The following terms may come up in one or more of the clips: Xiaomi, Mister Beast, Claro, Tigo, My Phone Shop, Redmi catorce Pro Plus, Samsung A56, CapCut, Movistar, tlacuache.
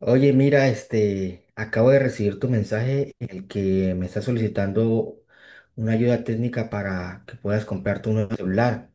Oye, mira, acabo de recibir tu mensaje en el que me estás solicitando una ayuda técnica para que puedas comprarte un nuevo celular.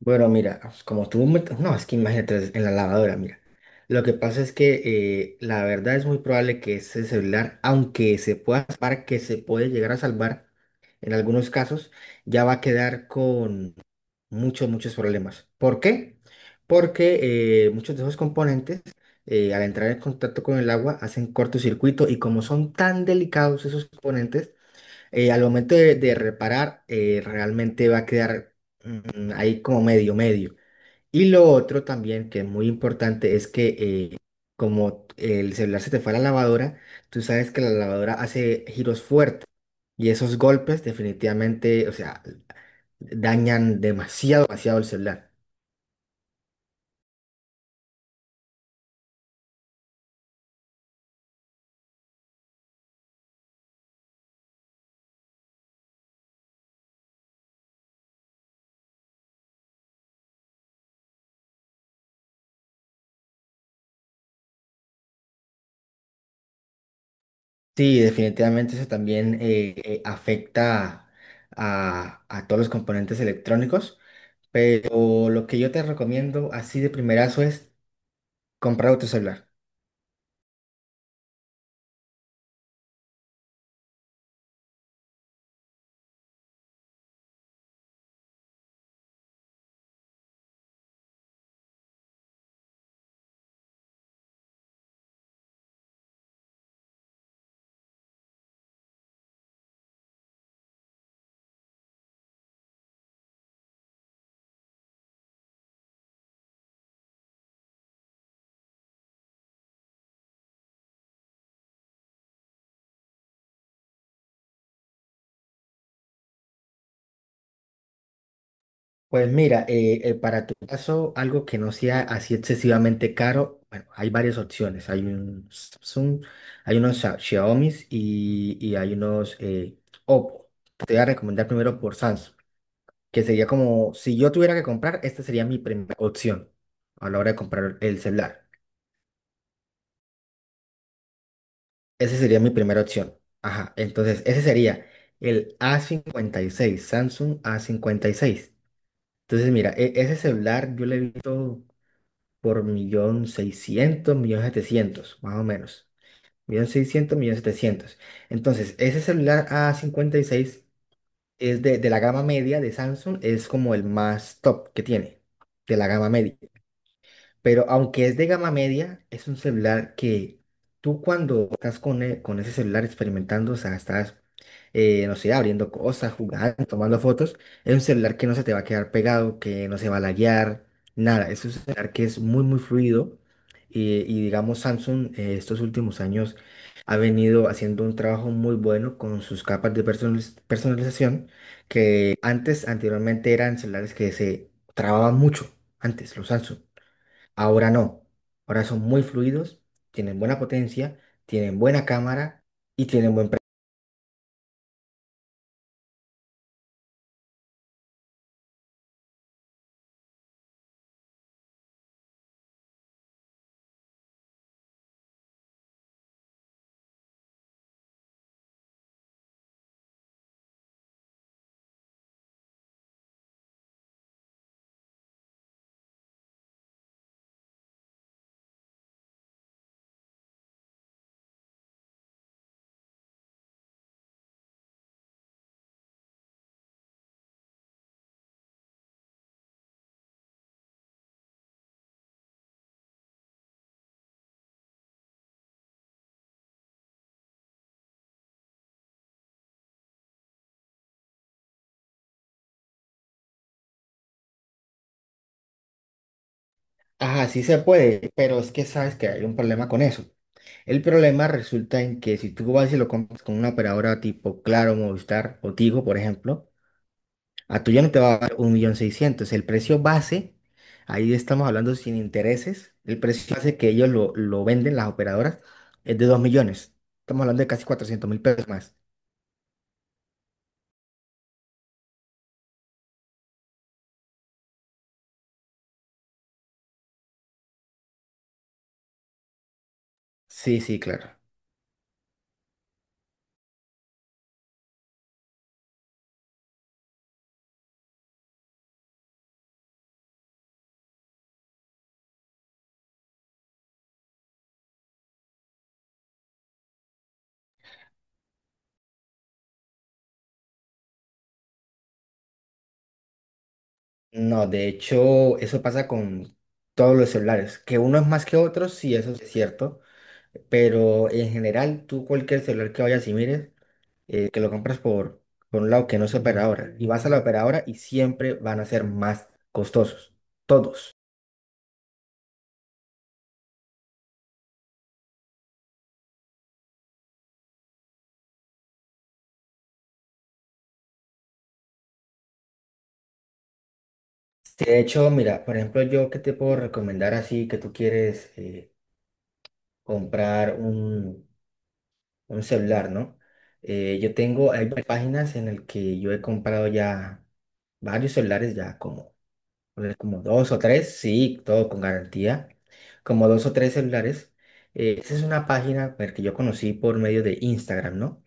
Bueno, mira, pues, como tú, no, es que imagínate en la lavadora, mira. Lo que pasa es que la verdad es muy probable que ese celular, aunque se pueda salvar, que se puede llegar a salvar en algunos casos, ya va a quedar muchos, muchos problemas. ¿Por qué? Porque muchos de esos componentes, al entrar en contacto con el agua, hacen cortocircuito y como son tan delicados esos componentes, al momento de reparar, realmente va a quedar ahí como medio, medio. Y lo otro también que es muy importante es que eh, como el celular se te fue a la lavadora, tú sabes que la lavadora hace giros fuertes. Y esos golpes definitivamente, o sea, dañan demasiado, demasiado el celular. Sí, definitivamente eso también afecta a todos los componentes electrónicos, pero lo que yo te recomiendo así de primerazo es comprar otro celular. Pues mira, para tu caso, algo que no sea así excesivamente caro, bueno, hay varias opciones. Hay un Samsung, hay unos Xiaomi y hay unos Oppo. Te voy a recomendar primero por Samsung, que sería como, si yo tuviera que comprar, esta sería mi primera opción a la hora de comprar el celular. Esa sería mi primera opción. Ajá, entonces ese sería el A56, Samsung A56. Entonces mira, ese celular yo le he visto por millón seiscientos, millón setecientos, más o menos. Millón seiscientos, millón setecientos. Entonces, ese celular a 56 es de la gama media de Samsung, es como el más top que tiene, de la gama media. Pero aunque es de gama media, es un celular que tú cuando estás con ese celular experimentando, o sea, estás, no sé, abriendo cosas, jugando, tomando fotos, es un celular que no se te va a quedar pegado, que no se va a laguear, nada. Es un celular que es muy, muy fluido. Y digamos, Samsung estos últimos años ha venido haciendo un trabajo muy bueno con sus capas de personalización, que antes, anteriormente eran celulares que se trababan mucho, antes, los Samsung. Ahora no. Ahora son muy fluidos, tienen buena potencia, tienen buena cámara y tienen buen precio. Ajá, sí se puede, pero es que sabes que hay un problema con eso. El problema resulta en que si tú vas y lo compras con una operadora tipo Claro, Movistar o Tigo, por ejemplo, a tú ya no te va a dar un millón seiscientos. El precio base, ahí estamos hablando sin intereses, el precio base que ellos lo venden, las operadoras, es de 2 millones. Estamos hablando de casi 400.000 pesos más. Sí, sí, claro. No, de hecho, eso pasa con todos los celulares, que unos más que otros, sí, eso es cierto, pero en general, tú cualquier celular que vayas y mires, que lo compras por un lado que no es operadora, y vas a la operadora y siempre van a ser más costosos, todos. Sí, de hecho, mira, por ejemplo, yo qué te puedo recomendar así que tú quieres comprar un celular, ¿no? Yo tengo, hay varias páginas en las que yo he comprado ya varios celulares ya como pues, como dos o tres, sí, todo con garantía, como dos o tres celulares. Esa es una página pues, que yo conocí por medio de Instagram, ¿no?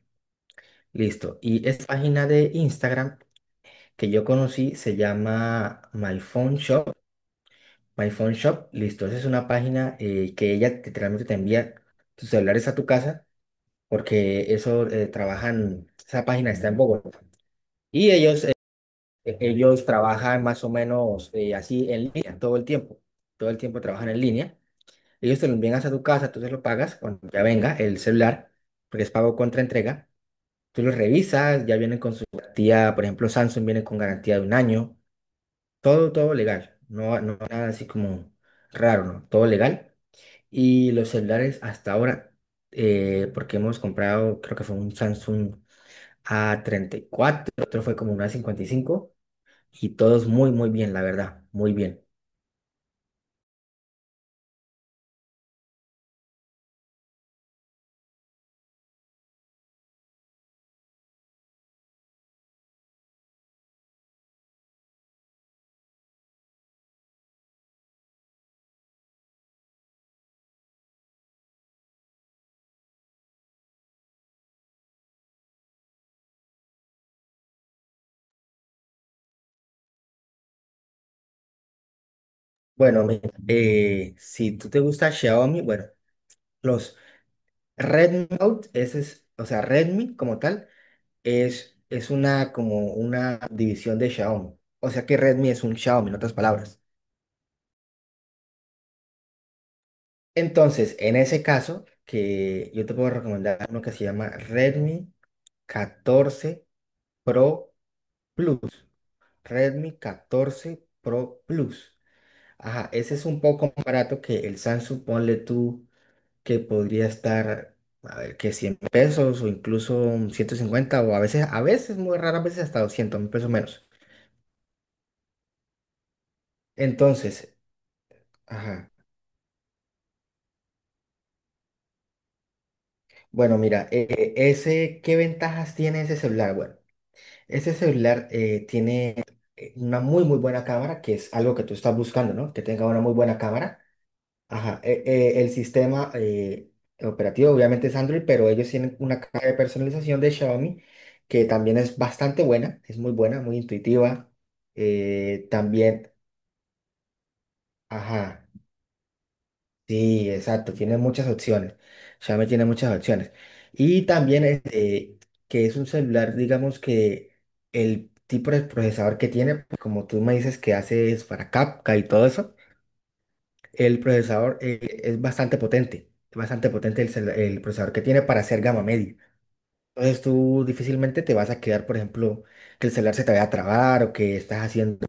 Listo. Y esta página de Instagram que yo conocí se llama My Phone Shop. My Phone Shop, listo. Esa es una página que ella literalmente te envía tus celulares a tu casa porque eso trabajan, esa página está en Bogotá. Y ellos, ellos trabajan más o menos así en línea todo el tiempo trabajan en línea. Ellos te lo envían hasta tu casa, tú se lo pagas cuando ya venga el celular, porque es pago contra entrega. Tú lo revisas, ya vienen con su garantía, por ejemplo, Samsung viene con garantía de un año, todo, todo legal, no, no nada así como raro, ¿no? Todo legal. Y los celulares hasta ahora, porque hemos comprado, creo que fue un Samsung a 34, otro fue como un a 55 y todos muy, muy bien, la verdad, muy bien. Bueno, si tú te gusta Xiaomi, bueno. Los Red Note, ese es, o sea, Redmi como tal, es una, como una división de Xiaomi. O sea que Redmi es un Xiaomi, en otras palabras. Entonces, en ese caso, que yo te puedo recomendar uno que se llama Redmi 14 Pro Plus. Redmi catorce Pro Plus. Ajá, ese es un poco más barato que el Samsung, ponle tú que podría estar, a ver, que 100 pesos o incluso 150 o a veces, muy raras veces hasta 200.000 pesos menos. Entonces, ajá. Bueno, mira, ese, ¿qué ventajas tiene ese celular? Bueno, ese celular tiene una muy, muy buena cámara, que es algo que tú estás buscando, ¿no? Que tenga una muy buena cámara. Ajá, el sistema operativo obviamente es Android, pero ellos tienen una caja de personalización de Xiaomi que también es bastante buena, es muy buena, muy intuitiva. También, ajá, sí, exacto, tiene muchas opciones. Xiaomi tiene muchas opciones. Y también este, que es un celular, digamos que el tipo de procesador que tiene, pues, como tú me dices que haces para capca y todo eso. El procesador es bastante potente el procesador que tiene para hacer gama media. Entonces tú difícilmente te vas a quedar, por ejemplo, que el celular se te vaya a trabar o que estás haciendo,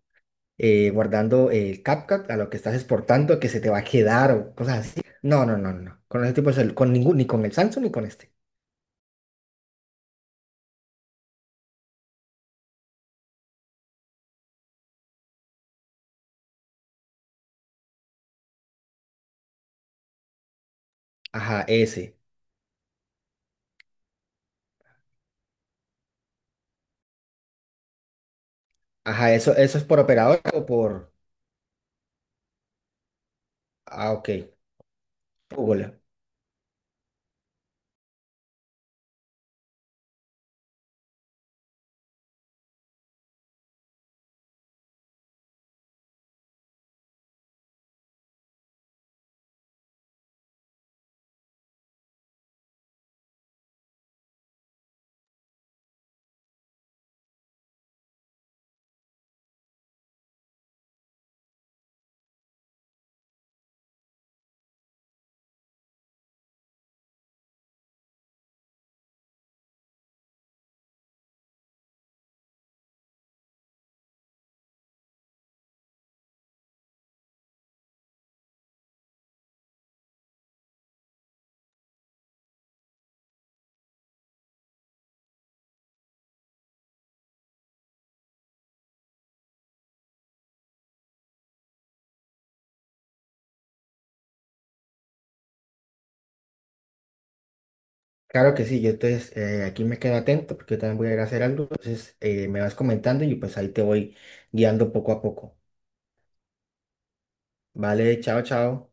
guardando el CapCut a lo que estás exportando, que se te va a quedar o cosas así. No, no, no, no. Con ese tipo de con ningún, ni con el Samsung ni con este. Ajá, ese. Ajá, eso es por operador o por... Ah, ok. Google. Claro que sí, yo entonces aquí me quedo atento porque yo también voy a ir a hacer algo, entonces me vas comentando y pues ahí te voy guiando poco a poco. Vale, chao, chao.